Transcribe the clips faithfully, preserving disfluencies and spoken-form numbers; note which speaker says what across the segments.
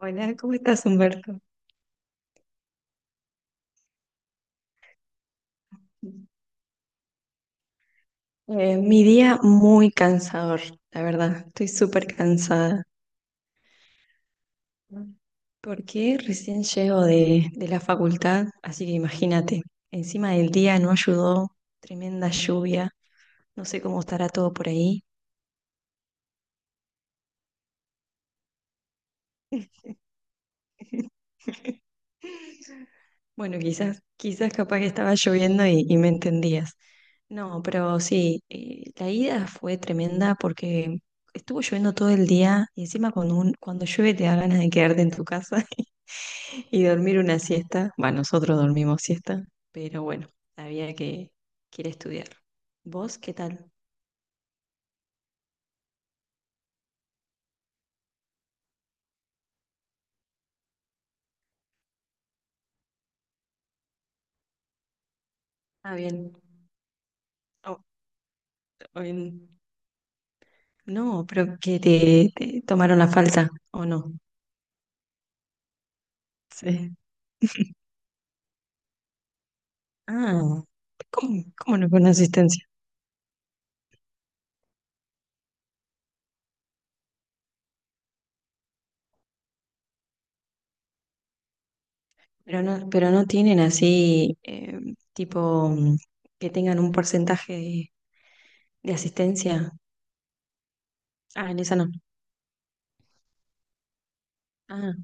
Speaker 1: Hola, ¿cómo estás, Humberto? Eh, mi día muy cansador, la verdad. Estoy súper cansada porque recién llego de, de la facultad, así que imagínate, encima del día no ayudó, tremenda lluvia, no sé cómo estará todo por ahí. Bueno, quizás, quizás capaz que estaba lloviendo y, y me entendías. No, pero sí, eh, la ida fue tremenda porque estuvo lloviendo todo el día y encima cuando, un- cuando llueve te da ganas de quedarte en tu casa y dormir una siesta. Bueno, nosotros dormimos siesta, pero bueno, había que, que ir a estudiar. ¿Vos qué tal? Ah, bien. Oh, oh, bien. No, pero que te, te tomaron la falta, ¿o no? Sí. Ah, ¿cómo, cómo no con asistencia? Pero no, pero no tienen así, eh, tipo, mm, que tengan un porcentaje de, de asistencia. Ah, en esa no. Ah,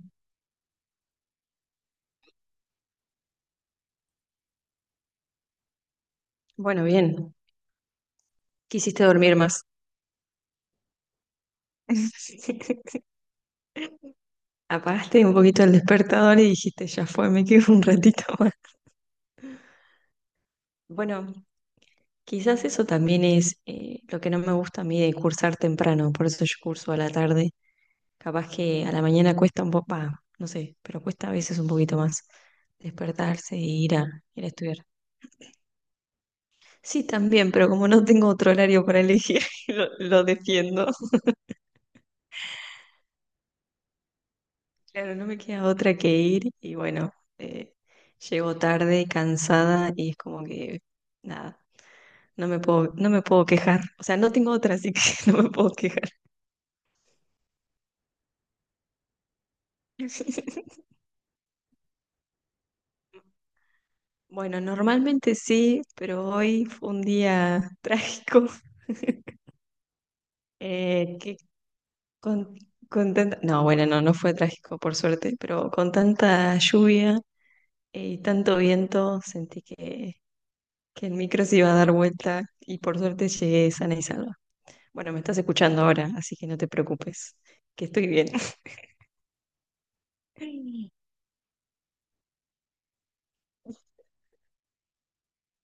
Speaker 1: bueno, bien. Quisiste dormir más. Apagaste un poquito el despertador y dijiste, ya fue, me quedo un ratito más. Bueno, quizás eso también es eh, lo que no me gusta a mí de cursar temprano, por eso yo curso a la tarde. Capaz que a la mañana cuesta un poco, va, no sé, pero cuesta a veces un poquito más despertarse e ir a, ir a estudiar. Sí, también, pero como no tengo otro horario para elegir, lo, lo defiendo. Claro, no me queda otra que ir y bueno, eh, llego tarde, cansada y es como que, nada, no me puedo, no me puedo quejar. O sea, no tengo otra, así que no me puedo quejar. Bueno, normalmente sí, pero hoy fue un día trágico. Eh, ¿qué Con, con tanta- No, bueno, no, no fue trágico, por suerte, pero con tanta lluvia y tanto viento sentí que, que el micro se iba a dar vuelta y por suerte llegué sana y salva. Bueno, me estás escuchando ahora, así que no te preocupes, que estoy bien.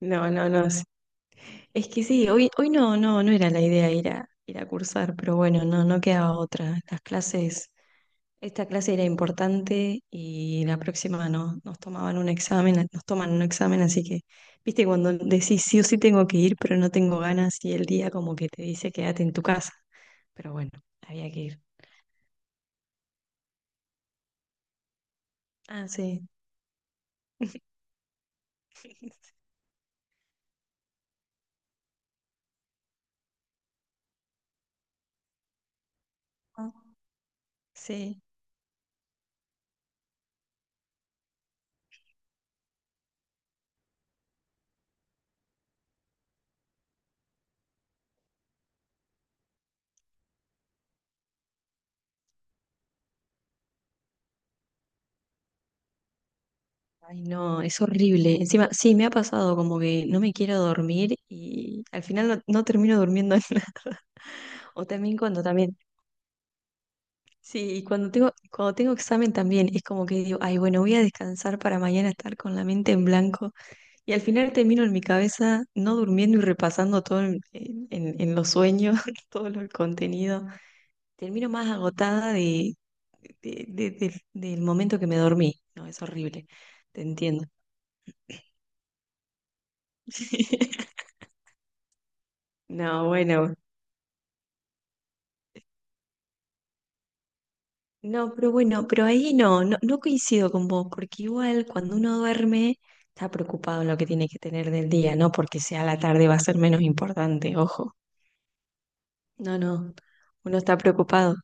Speaker 1: No, no, no. es Es que sí, hoy, hoy no, no, no era la idea ir a, ir a cursar, pero bueno, no, no quedaba otra. Las clases Esta clase era importante y la próxima no, nos tomaban un examen, nos toman un examen, así que, viste, cuando decís sí o sí tengo que ir, pero no tengo ganas y el día como que te dice quédate en tu casa. Pero bueno, había que ir. Ah, sí. Ah, sí. Ay, no, es horrible. Encima, sí, me ha pasado como que no me quiero dormir y al final no, no termino durmiendo nada. O también cuando también Sí, y cuando tengo, cuando tengo examen también es como que digo, ay, bueno, voy a descansar para mañana estar con la mente en blanco. Y al final termino en mi cabeza no durmiendo y repasando todo en, en- en- en los sueños, todo lo- el contenido. Termino más agotada de, de- de- de- del momento que me dormí. No, es horrible, te entiendo. No, bueno. No, pero bueno, pero ahí no, no, no coincido con vos, porque igual cuando uno duerme está preocupado en lo que tiene que tener del día, no porque sea la tarde va a ser menos importante, ojo. No, no, uno está preocupado.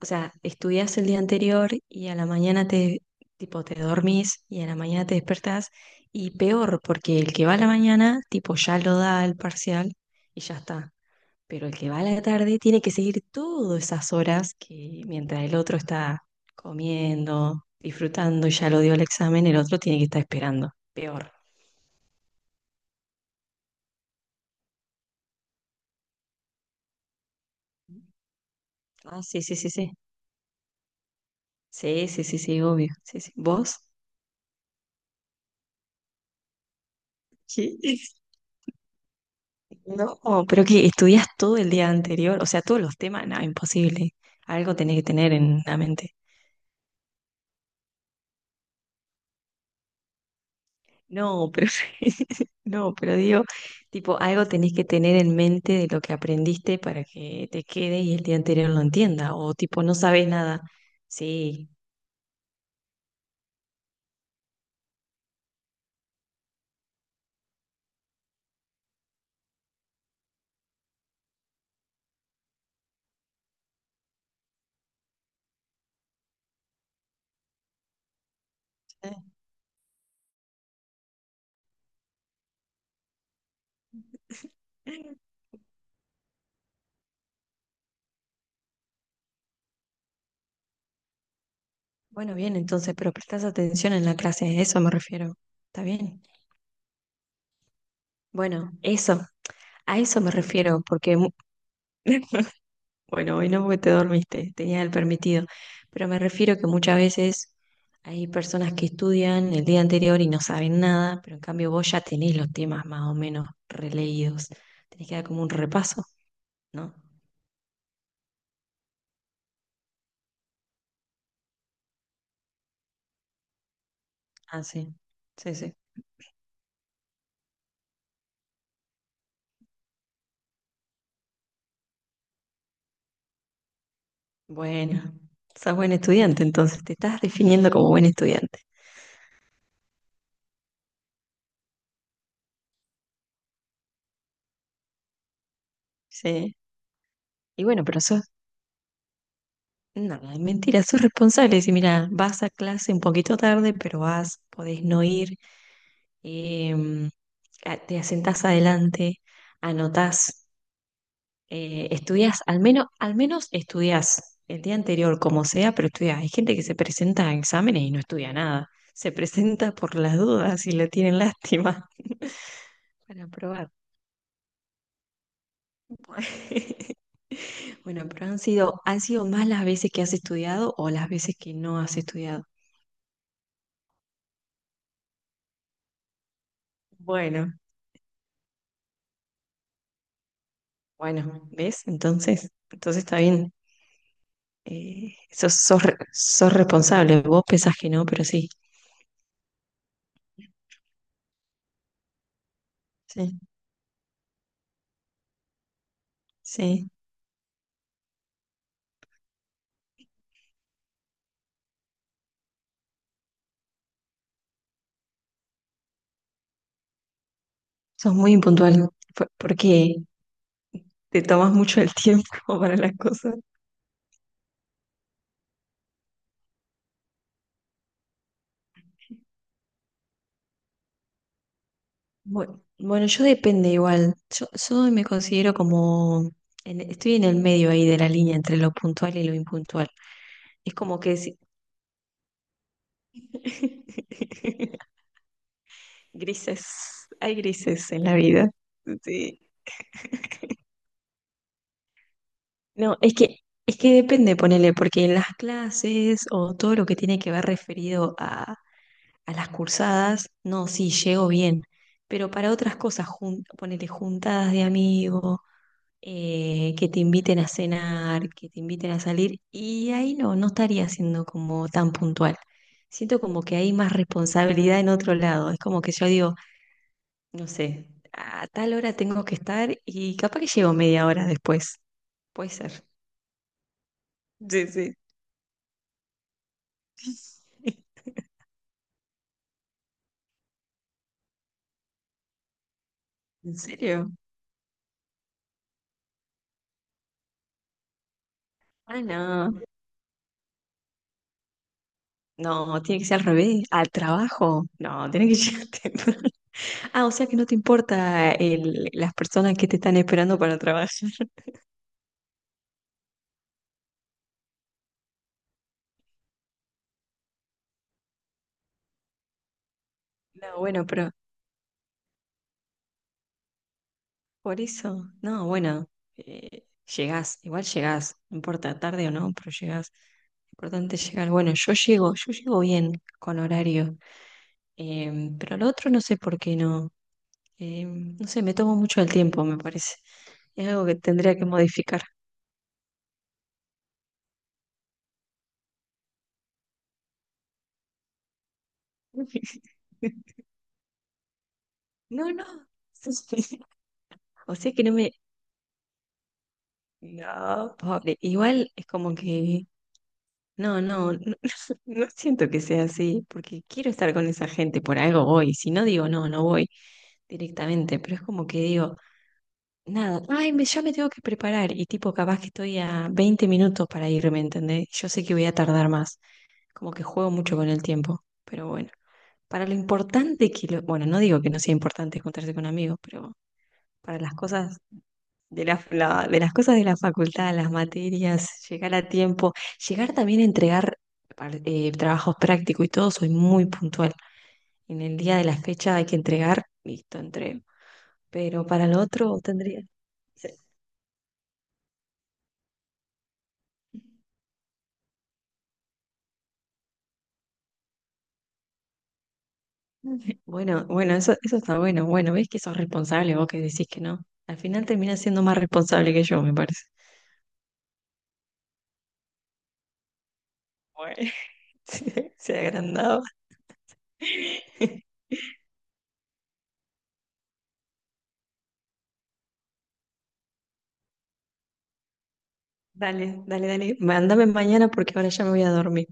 Speaker 1: O sea, estudias el día anterior y a la mañana te, tipo, te dormís y a la mañana te despertás y peor, porque el que va a la mañana, tipo, ya lo da el parcial y ya está. Pero el que va a la tarde tiene que seguir todas esas horas que mientras el otro está comiendo, disfrutando y ya lo dio el examen, el otro tiene que estar esperando. Peor. Ah, sí, sí, sí, sí. Sí, sí, sí, sí, obvio. Sí, sí. ¿Vos? Sí. No, pero que estudias todo el día anterior, o sea, todos los temas, no, imposible. Algo tenés que tener en la mente. No, pero no, pero digo, tipo, algo tenés que tener en mente de lo que aprendiste para que te quede y el día anterior lo entienda, o tipo, no sabes nada. Sí. Bueno, bien, entonces, pero prestás atención en la clase, a eso me refiero. ¿Está bien? Bueno, eso, a eso me refiero, porque mu- Bueno, hoy no porque te dormiste, tenías el permitido. Pero me refiero que muchas veces hay personas que estudian el día anterior y no saben nada, pero en cambio vos ya tenés los temas más o menos releídos. Tenés que dar como un repaso, ¿no? Ah, sí. Sí, sí. Bueno, sos buen estudiante, entonces te estás definiendo como buen estudiante. Sí. Y bueno, pero sos, no, es mentira, sos responsable. Decir, mira, vas a clase un poquito tarde, pero vas, podés no ir em, a- te asentás adelante, anotás, eh, estudias, al menos, al menos estudias el día anterior, como sea, pero estudias. Hay gente que se presenta a exámenes y no estudia nada, se presenta por las dudas y le tienen lástima para probar. Bueno, pero han sido, han sido más las veces que has estudiado o las veces que no has estudiado. Bueno, bueno, ¿ves? Entonces, entonces está bien. Eh, sos, sos, re- sos responsable. Vos pensás que no, pero sí. Sí, sí, sos muy impuntual por- porque te tomas mucho el tiempo para las cosas. Bueno, bueno, yo depende igual. Yo, yo me considero como, en- estoy en el medio ahí de la línea entre lo puntual y lo impuntual. Es como que si- Grises, hay grises en la vida. Sí. No, es que, Es que depende, ponele, porque en las clases o todo lo que tiene que ver referido a a las cursadas, no, sí, llego bien, pero para otras cosas, jun ponele juntadas de amigos, eh, que te inviten a cenar, que te inviten a salir, y ahí no, no estaría siendo como tan puntual. Siento como que hay más responsabilidad en otro lado, es como que yo digo, no sé, a tal hora tengo que estar y capaz que llego media hora después, puede ser. Sí, sí. ¿En serio? Ah, no. No, tiene que ser al revés, al trabajo. No, tiene que llegar temprano. Ah, o sea que no te importa el, las personas que te están esperando para trabajar. No, bueno, pero por eso, no, bueno, eh, llegás, igual llegás, no importa tarde o no, pero llegás. Importante llegar. Bueno, yo llego, yo llego bien con horario, em, pero lo otro no sé por qué no. Em, no sé, me tomo mucho el tiempo, me parece. Es algo que tendría que modificar. No, no. O sea que no me... No, pobre. Igual es como que... No, no, no, no siento que sea así, porque quiero estar con esa gente, por algo voy. Si no digo no, no voy directamente, pero es como que digo, nada, ay, me, ya me tengo que preparar y tipo, capaz que estoy a veinte minutos para irme, ¿entendés? Yo sé que voy a tardar más, como que juego mucho con el tiempo, pero bueno, para lo importante que lo... Bueno, no digo que no sea importante encontrarse con amigos, pero para las cosas de la- la- de las cosas de la facultad, las materias, llegar a tiempo, llegar también a entregar par- eh, trabajos prácticos y todo, soy muy puntual. En el día de la fecha hay que entregar, listo, entrego. Pero para lo otro tendría... sí. Bueno, bueno, eso, eso está bueno. Bueno, ves que sos responsable vos que decís que no. Al final terminás siendo más responsable que yo, me parece. Bueno, se, se agrandaba. Dale, dale, dale. Mándame mañana porque ahora ya me voy a dormir.